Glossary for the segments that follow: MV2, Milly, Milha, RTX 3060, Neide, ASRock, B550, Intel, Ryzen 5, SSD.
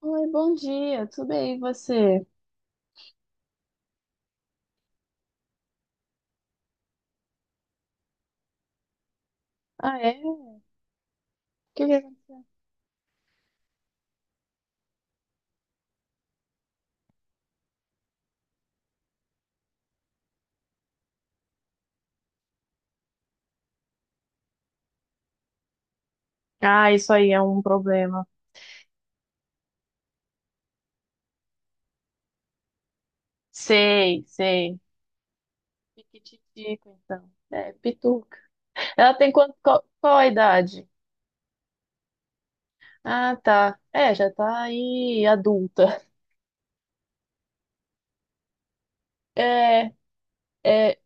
Oi, bom dia, tudo bem, e você? Ah, é? É? Ah, isso aí é um problema. Sei, sei. Piquititico, então. É, pituca. Ela tem quanto, qual a idade? Ah, tá. É, já tá aí adulta. É, é.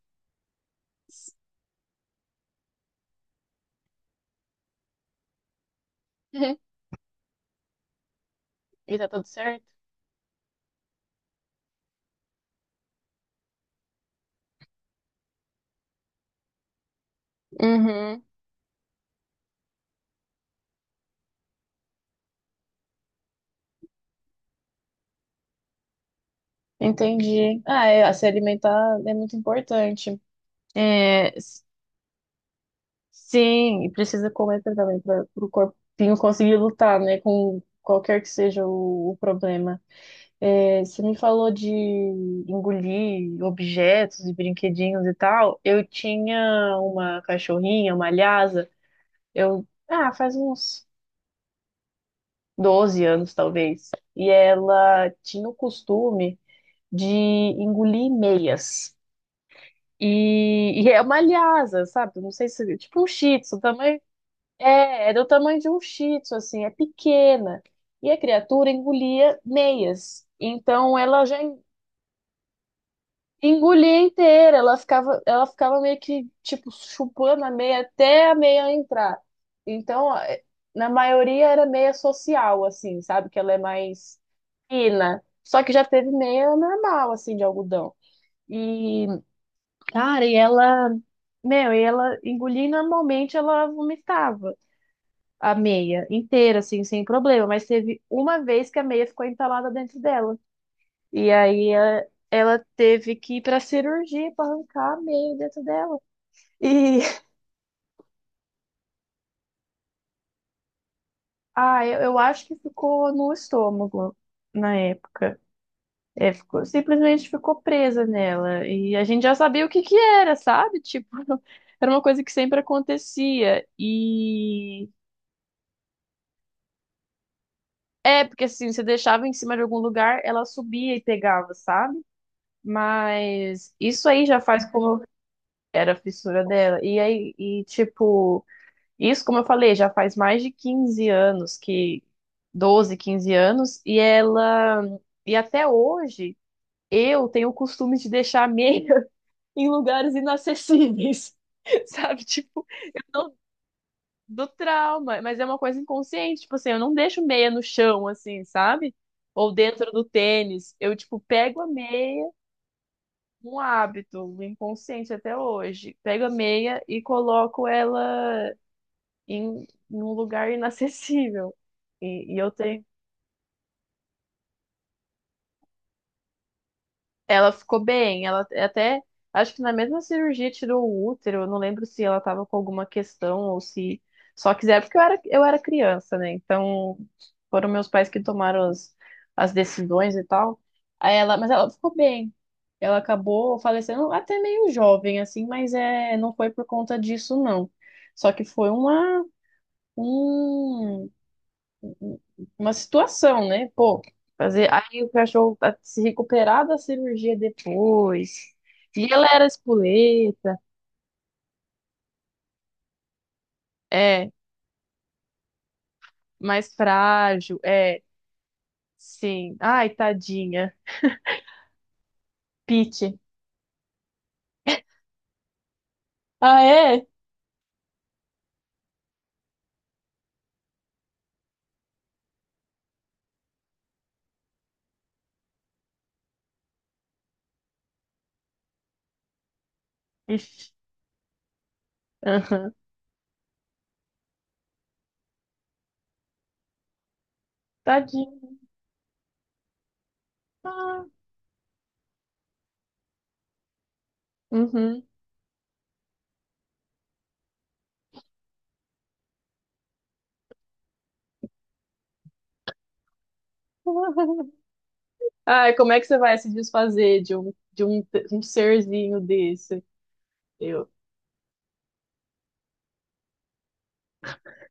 E tá tudo certo? Uhum, entendi. Ah, é, se alimentar é muito importante. É, sim, e precisa comer também para o corpinho conseguir lutar, né, com qualquer que seja o problema. É, você me falou de engolir objetos e brinquedinhos e tal. Eu tinha uma cachorrinha, uma lhasa, faz uns 12 anos talvez, e ela tinha o costume de engolir meias. E é uma lhasa, sabe? Não sei se, tipo um shih tzu. É do tamanho de um shih tzu, assim, é pequena. E a criatura engolia meias. Então ela já engolia inteira, ela ficava meio que, tipo, chupando a meia até a meia entrar. Então, é, na maioria era meia social, assim, sabe? Que ela é mais fina. Só que já teve meia normal, assim, de algodão. E, cara, e ela engolia e normalmente ela vomitava. A meia inteira, assim, sem problema, mas teve uma vez que a meia ficou entalada dentro dela. E aí ela teve que ir pra cirurgia pra arrancar a meia dentro dela. E eu acho que ficou no estômago na época. É, ficou, simplesmente ficou presa nela. E a gente já sabia o que que era, sabe? Tipo, era uma coisa que sempre acontecia. E é, porque assim, você deixava em cima de algum lugar, ela subia e pegava, sabe? Mas isso aí já faz como era a fissura dela. E aí, e tipo, isso, como eu falei, já faz mais de 15 anos que 12 15 anos, e ela e até hoje eu tenho o costume de deixar a meia em lugares inacessíveis, sabe? Tipo, não- do trauma, mas é uma coisa inconsciente, tipo assim, eu não deixo meia no chão assim, sabe? Ou dentro do tênis, eu tipo pego a meia, um hábito, um inconsciente até hoje. Pego a meia e coloco ela em, em um lugar inacessível. E eu tenho. Ela ficou bem, ela até, acho que na mesma cirurgia tirou o útero, eu não lembro se ela tava com alguma questão ou se só quiser, porque eu era criança, né? Então foram meus pais que tomaram as decisões e tal. Aí ela, mas ela ficou bem. Ela acabou falecendo até meio jovem, assim, mas é, não foi por conta disso, não. Só que foi um, uma situação, né? Pô, fazer aí o cachorro tá se recuperar da cirurgia depois. E ela era espoleta, é, mais frágil, é, sim. Ai, tadinha. Pete. Ah, é? Ixi. Aham. Tadinha. Ah, uhum. Ai, como é que você vai se desfazer de um serzinho desse? Eu.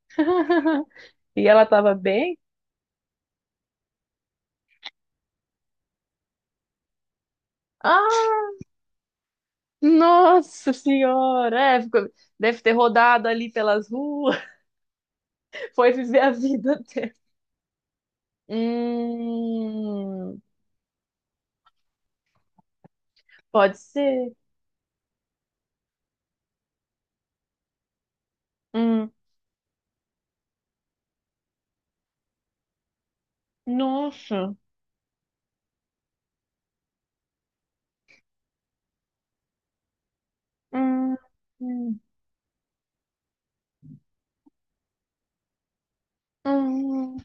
E ela tava bem? Ah, nossa senhora, é, ficou- deve ter rodado ali pelas ruas, foi viver a vida dela. Hum, pode ser. Hum, nossa. Hum, hum, hum.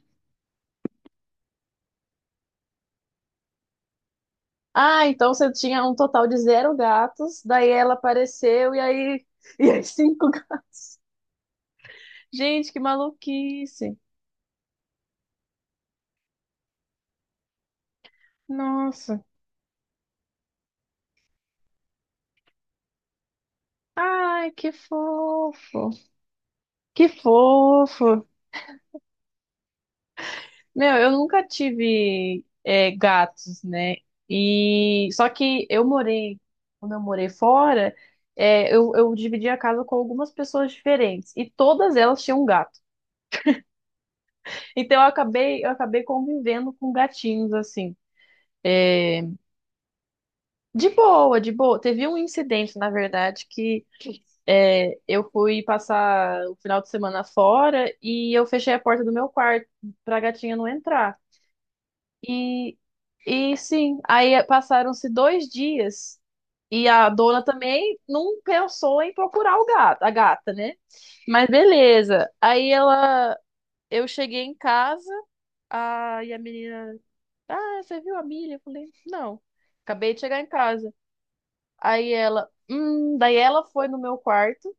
Ah, então você tinha um total de zero gatos, daí ela apareceu e aí, e aí cinco. Gente, que maluquice. Nossa. Ai, que fofo. Que fofo. Meu, eu nunca tive gatos, né? E só que eu morei, quando eu morei fora, eu dividi a casa com algumas pessoas diferentes e todas elas tinham um gato. Então eu acabei convivendo com gatinhos assim. eh, De boa, de boa. Teve um incidente, na verdade, que eu fui passar o final de semana fora e eu fechei a porta do meu quarto pra gatinha não entrar. E, e sim, aí passaram-se dois dias e a dona também não pensou em procurar o gato, a gata, né? Mas beleza. Aí ela, eu cheguei em casa, e a menina, ah, você viu a Milha? Eu falei, não, acabei de chegar em casa. Daí ela foi no meu quarto,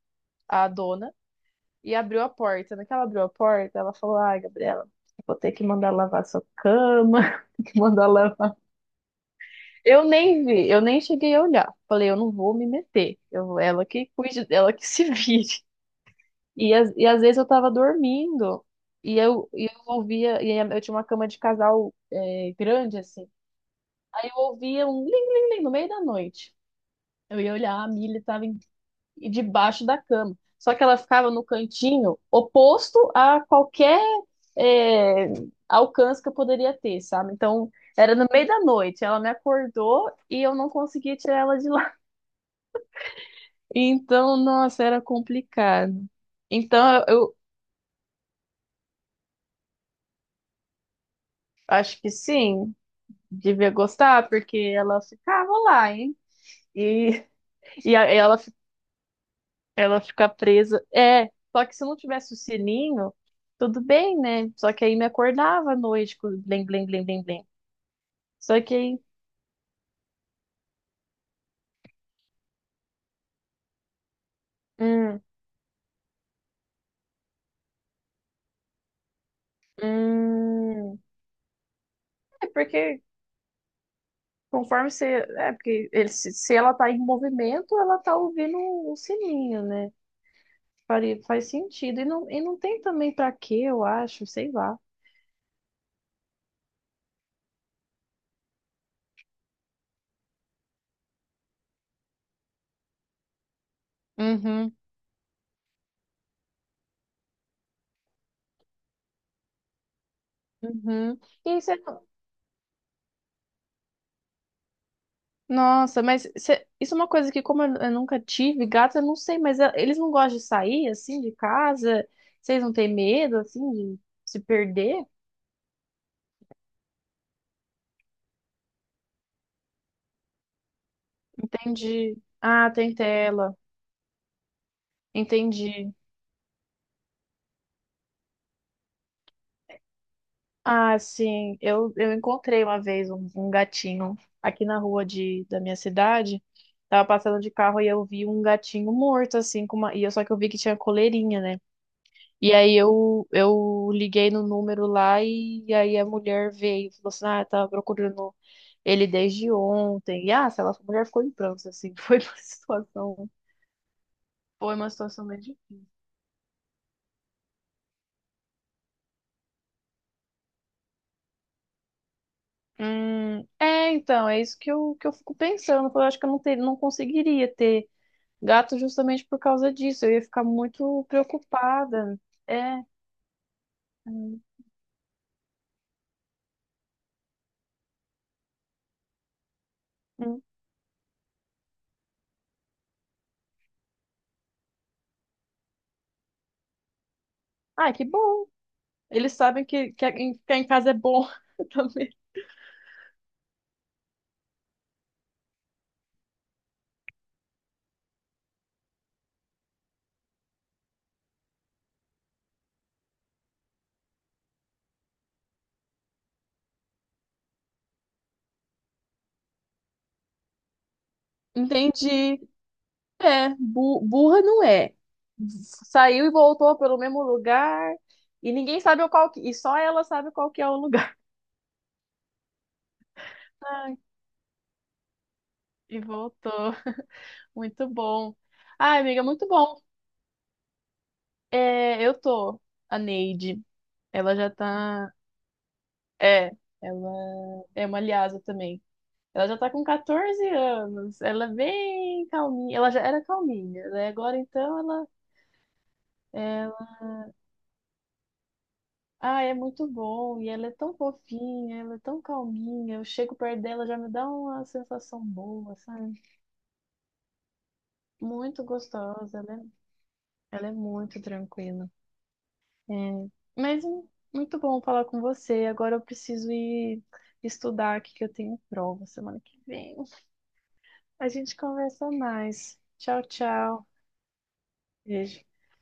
a dona, e abriu a porta. Naquela abriu a porta, ela falou, ai, Gabriela, vou ter que mandar lavar sua cama, mandar. Eu nem vi, eu nem cheguei a olhar. Falei, eu não vou me meter. Ela que cuide, ela que se vire. E, às vezes eu tava dormindo e eu ouvia, e eu tinha uma cama de casal grande assim. Aí eu ouvia um ling ling ling no meio da noite. Eu ia olhar, a Milly tava debaixo da cama. Só que ela ficava no cantinho oposto a qualquer é, alcance que eu poderia ter, sabe? Então era no meio da noite. Ela me acordou e eu não conseguia tirar ela de. Então, nossa, era complicado. Então, eu acho que sim, devia gostar, porque ela ficava lá, hein? E, e ela fica presa. É, só que se não tivesse o sininho, tudo bem, né? Só que aí me acordava à noite com o blim blim blim blim blim. Só que aí. Hum, hum, é porque conforme você. É, porque ele, se ela tá em movimento, ela tá ouvindo o sininho, né? Faria, faz sentido. E não tem também pra quê, eu acho, sei lá. Uhum, uhum. E isso é. Nossa, mas isso é uma coisa que, como eu nunca tive gato, eu não sei, mas eles não gostam de sair, assim, de casa? Vocês não têm medo, assim, de se perder? Entendi. Ah, tem tela. Entendi. Ah, sim. Eu encontrei uma vez um, gatinho aqui na rua da minha cidade. Tava passando de carro e eu vi um gatinho morto, assim, com uma... e eu, só que eu vi que tinha coleirinha, né? E aí eu liguei no número lá e, aí a mulher veio e falou assim, ah, eu tava procurando ele desde ontem. Sei lá, a mulher ficou em prantos, assim. Foi uma situação meio difícil. É, então, é isso que eu fico pensando. Eu acho que eu não conseguiria ter gato justamente por causa disso. Eu ia ficar muito preocupada. É. Hum, hum. Ah, que bom. Eles sabem que ficar em casa é bom também. Entendi. É, burra não é. Saiu e voltou pelo mesmo lugar e ninguém sabe qual que, e só ela sabe qual que é o lugar. Ai, e voltou. Muito bom. Ai, amiga, muito bom. É, eu tô. A Neide. Ela já tá. É, ela é uma lhasa também. Ela já tá com 14 anos. Ela é bem calminha. Ela já era calminha, né? Agora então ela. ela- Ah, é muito bom. E ela é tão fofinha, ela é tão calminha. Eu chego perto dela, já me dá uma sensação boa, sabe? Muito gostosa, né? Ela é muito tranquila. É, mas muito bom falar com você. Agora eu preciso ir estudar aqui que eu tenho prova semana que vem. A gente conversa mais. Tchau, tchau. Beijo.